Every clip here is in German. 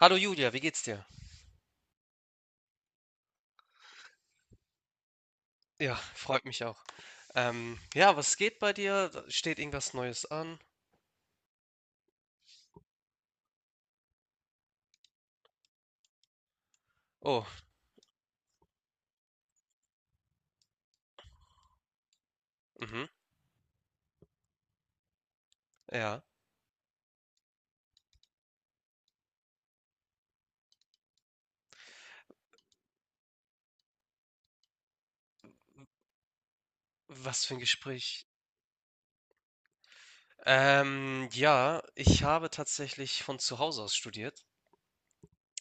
Hallo Julia, wie geht's dir? Ja, freut mich auch. Ja, was geht bei dir? Steht irgendwas Neues an? Oh, mhm, ja. Was für ein Gespräch. Ja, ich habe tatsächlich von zu Hause aus studiert.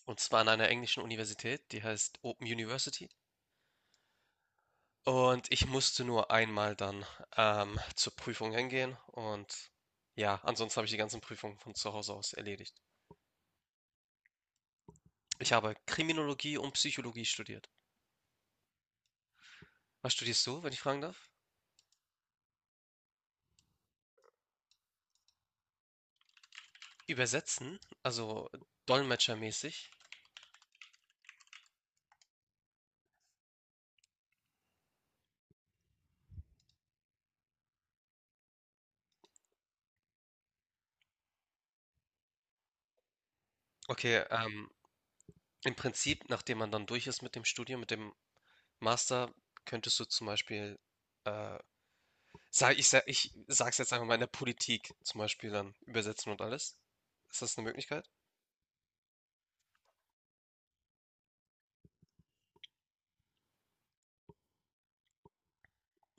Und zwar an einer englischen Universität, die heißt Open University. Und ich musste nur einmal dann zur Prüfung hingehen. Und ja, ansonsten habe ich die ganzen Prüfungen von zu Hause aus erledigt. Ich habe Kriminologie und Psychologie studiert. Was studierst du, wenn ich fragen darf? Übersetzen, also dolmetschermäßig. Okay, im Prinzip, nachdem man dann durch ist mit dem Studium, mit dem Master, könntest du zum Beispiel, äh, sag's jetzt einfach mal in der Politik zum Beispiel dann übersetzen und alles. Ist das eine Möglichkeit?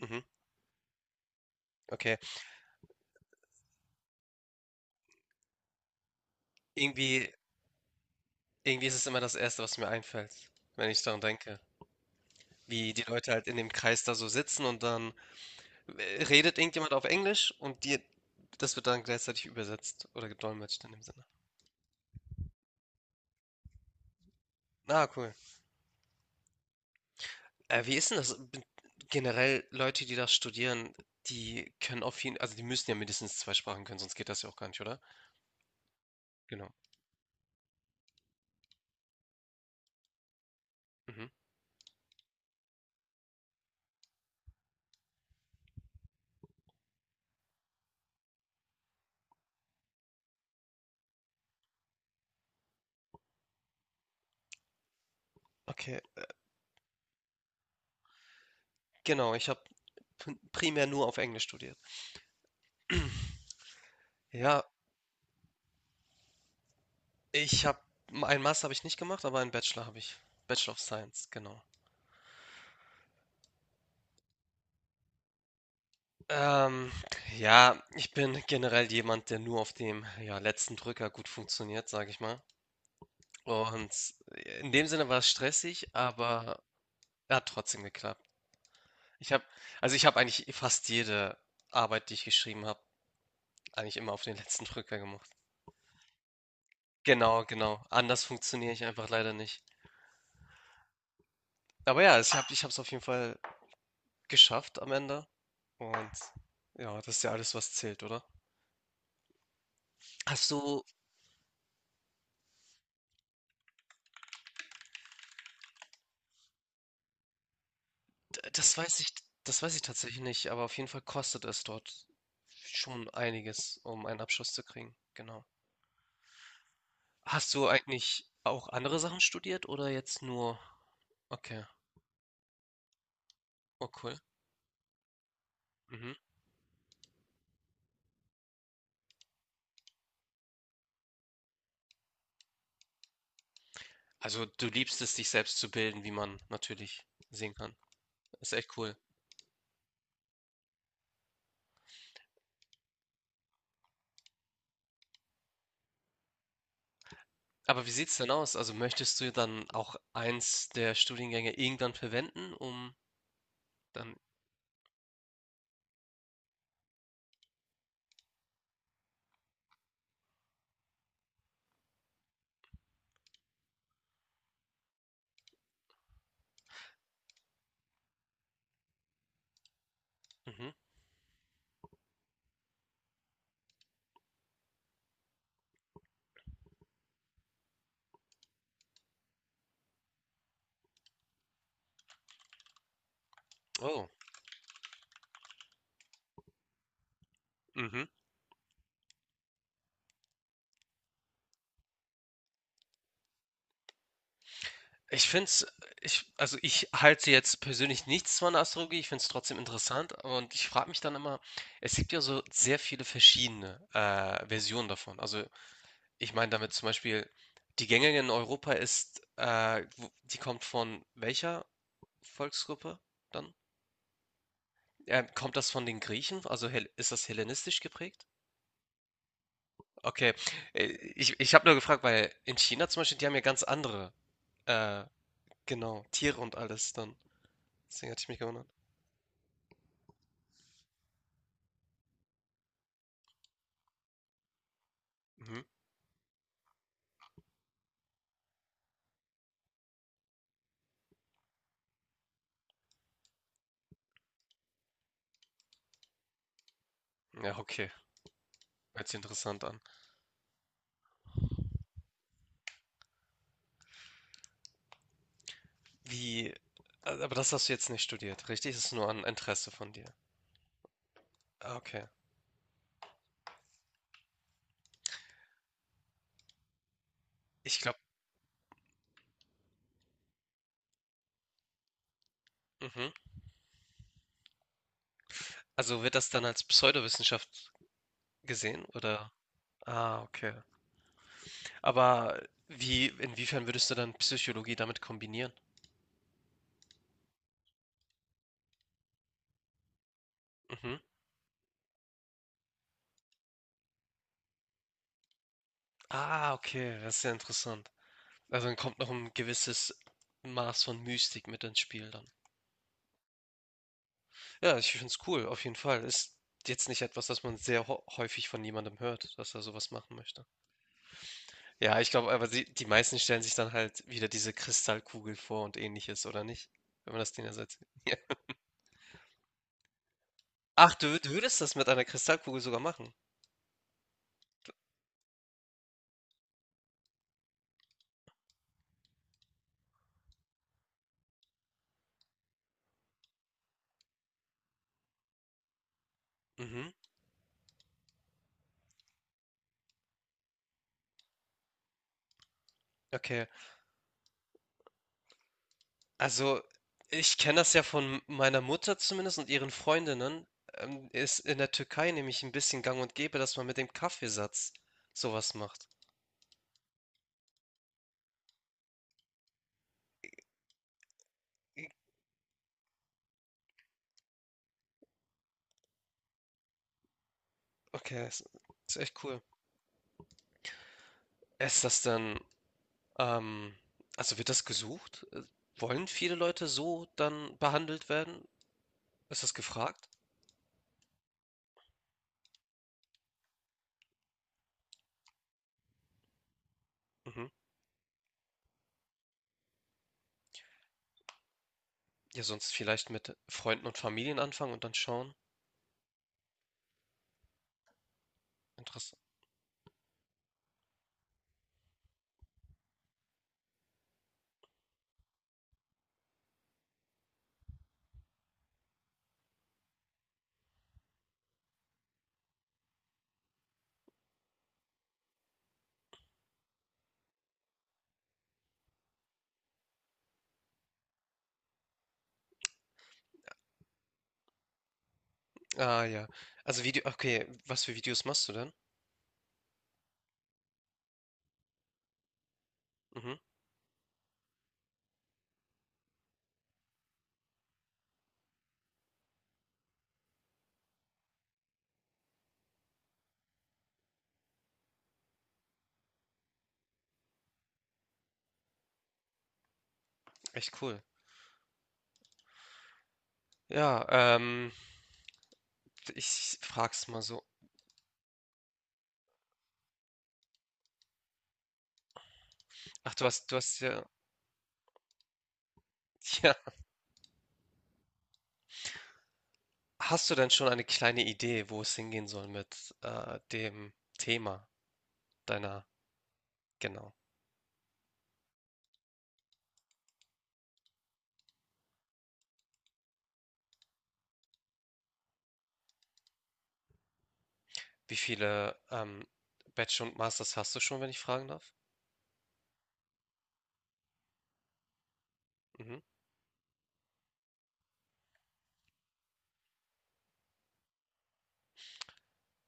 Mhm, okay. Irgendwie, irgendwie ist es immer das Erste, was mir einfällt, wenn ich daran denke. Wie die Leute halt in dem Kreis da so sitzen und dann redet irgendjemand auf Englisch und das wird dann gleichzeitig übersetzt oder gedolmetscht in dem Sinne. Ah, cool. Wie ist denn das b generell Leute, die das studieren, die können auf jeden also, die müssen ja mindestens 2 Sprachen können, sonst geht das ja auch gar nicht, oder? Genau. Mhm. Okay, genau, ich habe primär nur auf Englisch studiert. Ja, ich habe einen Master habe ich nicht gemacht, aber einen Bachelor habe ich. Bachelor of Science, genau. Ähm, ja, ich bin generell jemand, der nur auf dem, ja, letzten Drücker gut funktioniert, sage ich mal. Und in dem Sinne war es stressig, aber er hat trotzdem geklappt. Ich habe, ich habe eigentlich fast jede Arbeit, die ich geschrieben habe, eigentlich immer auf den letzten Drücker gemacht. Genau, genau. Anders funktioniere ich einfach leider nicht. Aber ja, ich habe es auf jeden Fall geschafft am Ende. Und ja, das ist ja alles, was zählt, oder? Hast du, d- das weiß ich, das weiß ich tatsächlich nicht, aber auf jeden Fall kostet es dort schon einiges, um einen Abschluss zu kriegen. Genau. Hast du eigentlich auch andere Sachen studiert oder jetzt nur? Okay, oh cool. Mhm. Also du liebst es, dich selbst zu bilden, wie man natürlich sehen kann. Ist echt cool. Aber wie sieht's denn aus? Also möchtest du dann auch eins der Studiengänge irgendwann verwenden, um dann... Mhm. Oh, mhm. Ich find's, ich, also ich halte jetzt persönlich nichts von der Astrologie, ich find's trotzdem interessant und ich frage mich dann immer, es gibt ja so sehr viele verschiedene Versionen davon. Also ich meine damit zum Beispiel, die gängige in Europa ist, die kommt von welcher Volksgruppe dann? Kommt das von den Griechen? Also ist das hellenistisch geprägt? Okay, äh, ich habe nur gefragt, weil in China zum Beispiel, die haben ja ganz andere, äh, genau, Tiere und alles dann. Deswegen hatte ich mich gewundert. Mhm. Ja, okay, hört sich interessant an. Wie, also, aber das hast du jetzt nicht studiert, richtig? Das ist nur ein Interesse von dir. Ah, okay, ich glaube, mhm. Also wird das dann als Pseudowissenschaft gesehen, oder? Ah, okay. Aber wie, inwiefern würdest du dann Psychologie damit kombinieren? Mhm. Ah, okay, das ist sehr interessant. Also dann kommt noch ein gewisses Maß von Mystik mit ins Spiel dann. Ja, ich finde es cool, auf jeden Fall. Ist jetzt nicht etwas, das man sehr häufig von jemandem hört, dass er sowas machen möchte. Ja, ich glaube, aber die meisten stellen sich dann halt wieder diese Kristallkugel vor und ähnliches, oder nicht? Wenn man das Ding ersetzt. Ja. Ach, du, du würdest das mit einer Kristallkugel sogar machen. Mhm. Okay. Also, ich kenne das ja von meiner Mutter zumindest und ihren Freundinnen. Ist in der Türkei nämlich ein bisschen gang und gäbe, dass man mit dem Kaffeesatz sowas macht. Okay, das ist echt cool. Ist das dann, ähm, also wird das gesucht? Wollen viele Leute so dann behandelt werden? Ist das gefragt? Mhm. Ja, sonst vielleicht mit Freunden und Familien anfangen und dann schauen. Interessant. Ah, ja. Also Video, okay, was für Videos machst du denn? Mhm. Echt cool. Ja, ähm, ich frag's mal so. Ach, du hast ja, ja. Hast du denn schon eine kleine Idee, wo es hingehen soll mit dem Thema deiner, genau. Wie viele Bachelor und Masters hast du schon, wenn ich fragen darf? Mhm.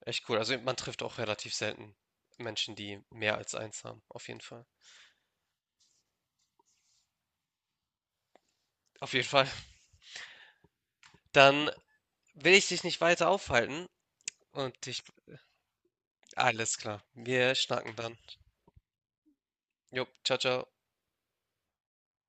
Echt cool. Also man trifft auch relativ selten Menschen, die mehr als eins haben. Auf jeden Fall. Auf jeden Fall. Dann will ich dich nicht weiter aufhalten und dich, alles klar. Wir schnacken dann. Jo, ciao, ciao.